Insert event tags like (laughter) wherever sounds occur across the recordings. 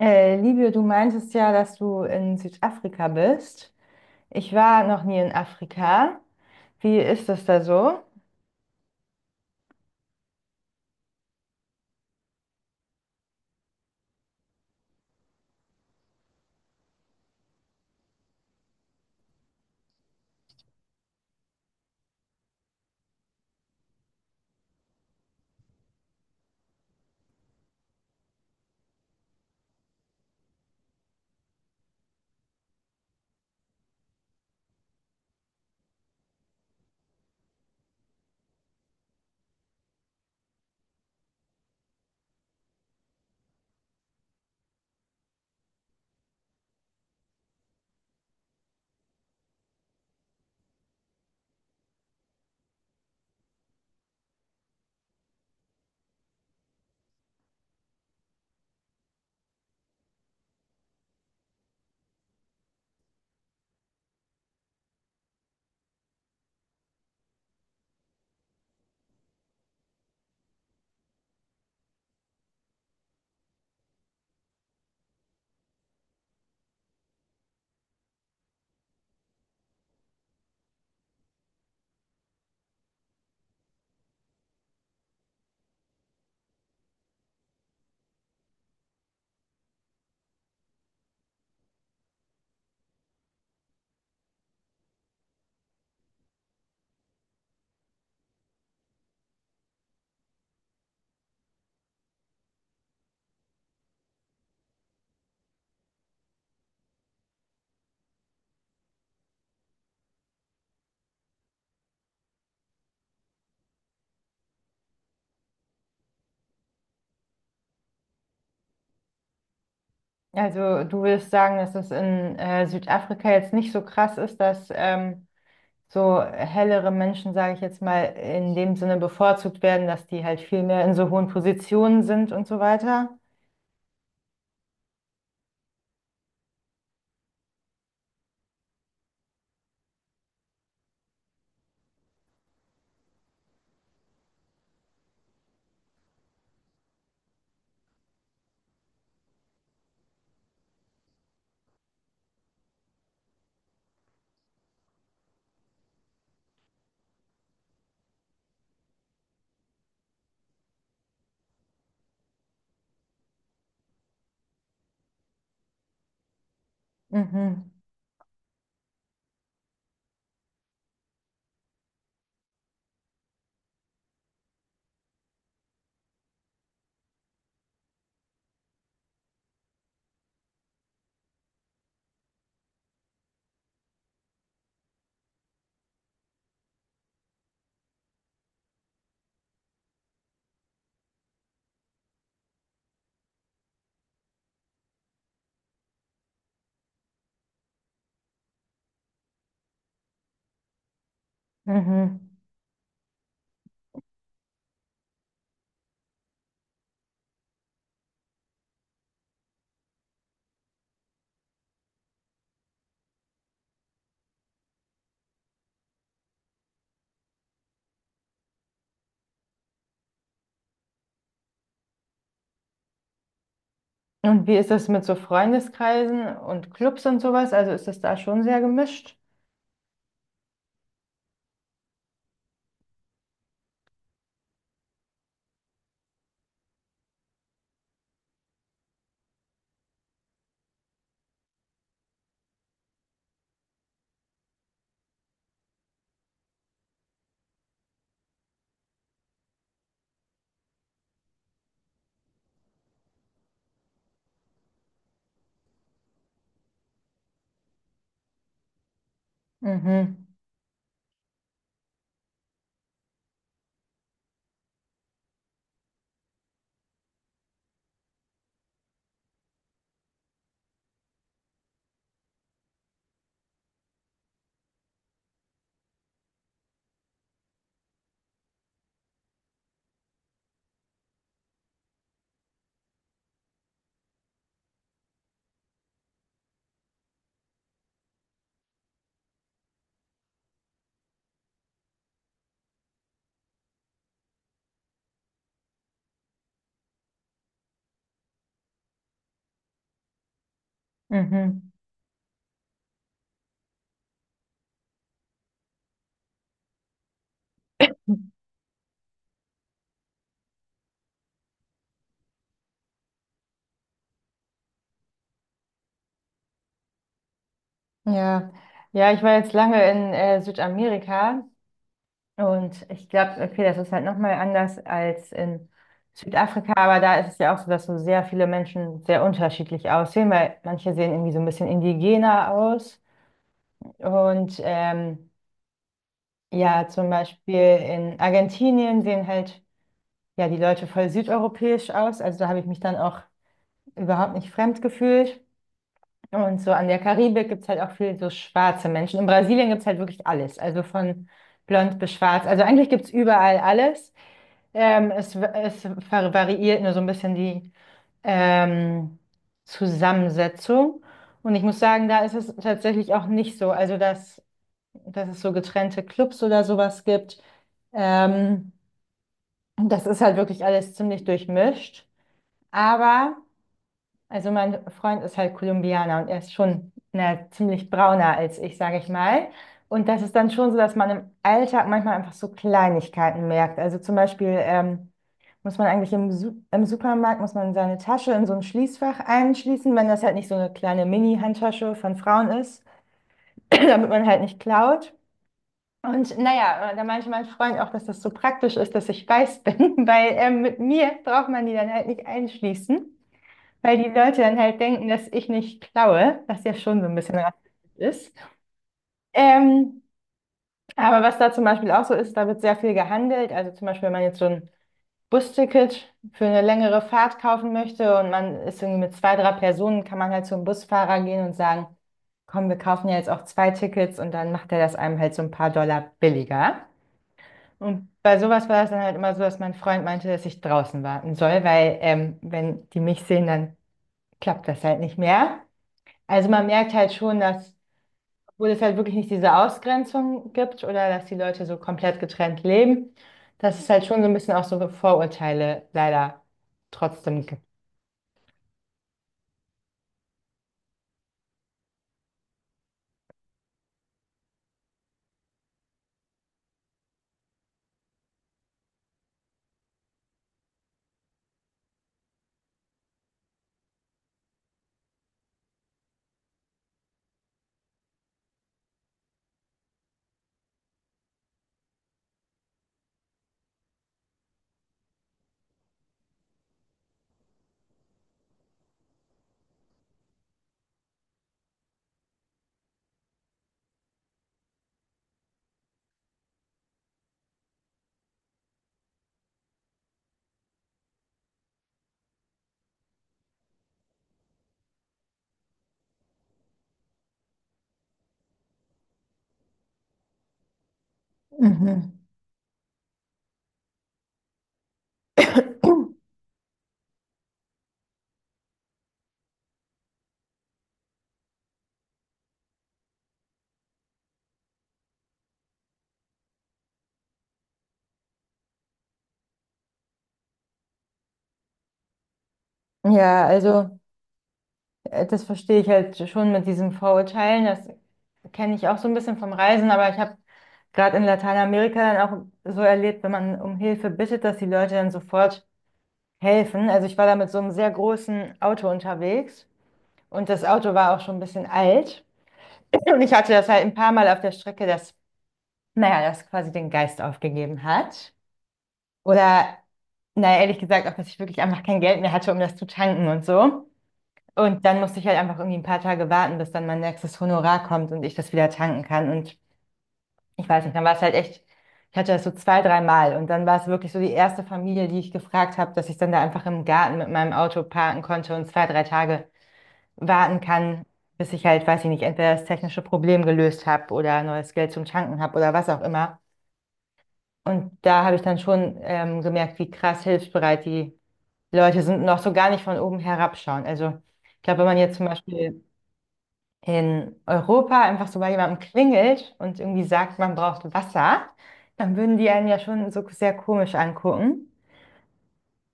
Livio, du meintest ja, dass du in Südafrika bist. Ich war noch nie in Afrika. Wie ist das da so? Also, du würdest sagen, dass es in Südafrika jetzt nicht so krass ist, dass so hellere Menschen, sage ich jetzt mal, in dem Sinne bevorzugt werden, dass die halt viel mehr in so hohen Positionen sind und so weiter. Mhm. Mhm. Und wie ist das mit so Freundeskreisen und Clubs und sowas? Also, ist das da schon sehr gemischt? Mhm. Mhm. Ja, ja, ich war jetzt lange in Südamerika und ich glaube, okay, das ist halt nochmal anders als in Südafrika, aber da ist es ja auch so, dass so sehr viele Menschen sehr unterschiedlich aussehen, weil manche sehen irgendwie so ein bisschen indigener aus. Und ja, zum Beispiel in Argentinien sehen halt ja die Leute voll südeuropäisch aus. Also da habe ich mich dann auch überhaupt nicht fremd gefühlt. Und so an der Karibik gibt es halt auch viel so schwarze Menschen. In Brasilien gibt es halt wirklich alles. Also von blond bis schwarz. Also eigentlich gibt es überall alles. Es variiert nur so ein bisschen die ähm, Zusammensetzung. Und ich muss sagen, da ist es tatsächlich auch nicht so. Also, dass es so getrennte Clubs oder sowas gibt. Ähm, Das ist halt wirklich alles ziemlich durchmischt. Aber. Also mein Freund ist halt Kolumbianer und er ist schon na, ziemlich brauner als ich, sage ich mal. Und das ist dann schon so, dass man im Alltag manchmal einfach so Kleinigkeiten merkt. Also zum Beispiel muss man eigentlich im Supermarkt, muss man seine Tasche in so ein Schließfach einschließen, wenn das halt nicht so eine kleine Mini-Handtasche von Frauen ist, (clears throat) damit man halt nicht klaut. Und naja, da meinte mein Freund auch, dass das so praktisch ist, dass ich weiß bin, (laughs) weil mit mir braucht man die dann halt nicht einschließen. Weil die Leute dann halt denken, dass ich nicht klaue, was ja schon so ein bisschen rassistisch ist. Ähm, aber was da zum Beispiel auch so ist, da wird sehr viel gehandelt. Also zum Beispiel, wenn man jetzt so ein Busticket für eine längere Fahrt kaufen möchte und man ist irgendwie mit zwei, drei Personen, kann man halt zum Busfahrer gehen und sagen, komm, wir kaufen ja jetzt auch zwei Tickets und dann macht er das einem halt so ein paar Dollar billiger. Und bei sowas war es dann halt immer so, dass mein Freund meinte, dass ich draußen warten soll, weil wenn die mich sehen, dann klappt das halt nicht mehr. Also man merkt halt schon, dass, obwohl es halt wirklich nicht diese Ausgrenzung gibt oder dass die Leute so komplett getrennt leben, dass es halt schon so ein bisschen auch so Vorurteile leider trotzdem gibt. Mhm. Ja, also das verstehe ich halt schon mit diesen Vorurteilen. Das kenne ich auch so ein bisschen vom Reisen, aber ich habe gerade in Lateinamerika dann auch so erlebt, wenn man um Hilfe bittet, dass die Leute dann sofort helfen. Also ich war da mit so einem sehr großen Auto unterwegs und das Auto war auch schon ein bisschen alt. Und ich hatte das halt ein paar Mal auf der Strecke, dass, naja, das quasi den Geist aufgegeben hat. Oder, naja, ehrlich gesagt, auch, dass ich wirklich einfach kein Geld mehr hatte, um das zu tanken und so. Und dann musste ich halt einfach irgendwie ein paar Tage warten, bis dann mein nächstes Honorar kommt und ich das wieder tanken kann. Und ich weiß nicht, dann war es halt echt, ich hatte das so zwei, drei Mal. Und dann war es wirklich so die erste Familie, die ich gefragt habe, dass ich dann da einfach im Garten mit meinem Auto parken konnte und zwei, drei Tage warten kann, bis ich halt, weiß ich nicht, entweder das technische Problem gelöst habe oder neues Geld zum Tanken habe oder was auch immer. Und da habe ich dann schon gemerkt, wie krass hilfsbereit die Leute sind und auch so gar nicht von oben herabschauen. Also ich glaube, wenn man jetzt zum Beispiel in Europa einfach so bei jemandem klingelt und irgendwie sagt, man braucht Wasser, dann würden die einen ja schon so sehr komisch angucken.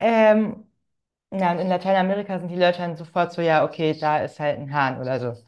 Ähm, na, und in Lateinamerika sind die Leute dann sofort so, ja, okay, da ist halt ein Hahn oder so.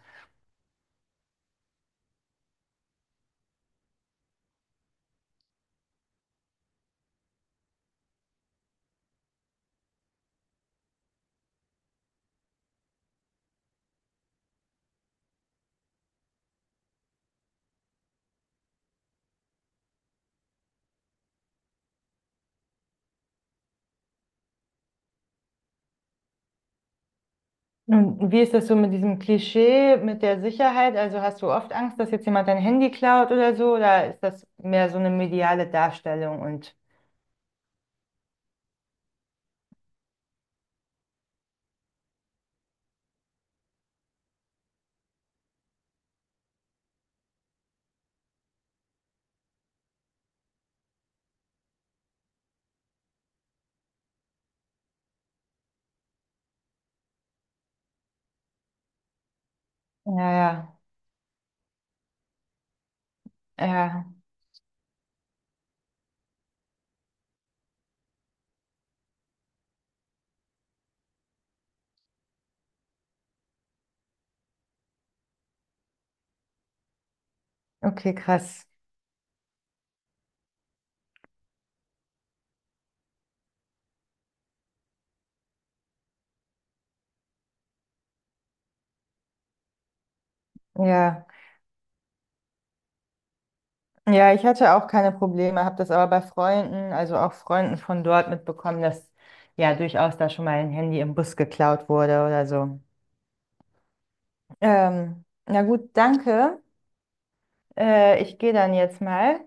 Und wie ist das so mit diesem Klischee, mit der Sicherheit? Also hast du oft Angst, dass jetzt jemand dein Handy klaut oder so? Oder ist das mehr so eine mediale Darstellung? Und ja, ja, ja, okay, krass. Ja, ja, ich hatte auch keine Probleme, habe das aber bei Freunden, also auch Freunden von dort mitbekommen, dass ja durchaus da schon mal ein Handy im Bus geklaut wurde oder so. Na gut, danke. Ich gehe dann jetzt mal.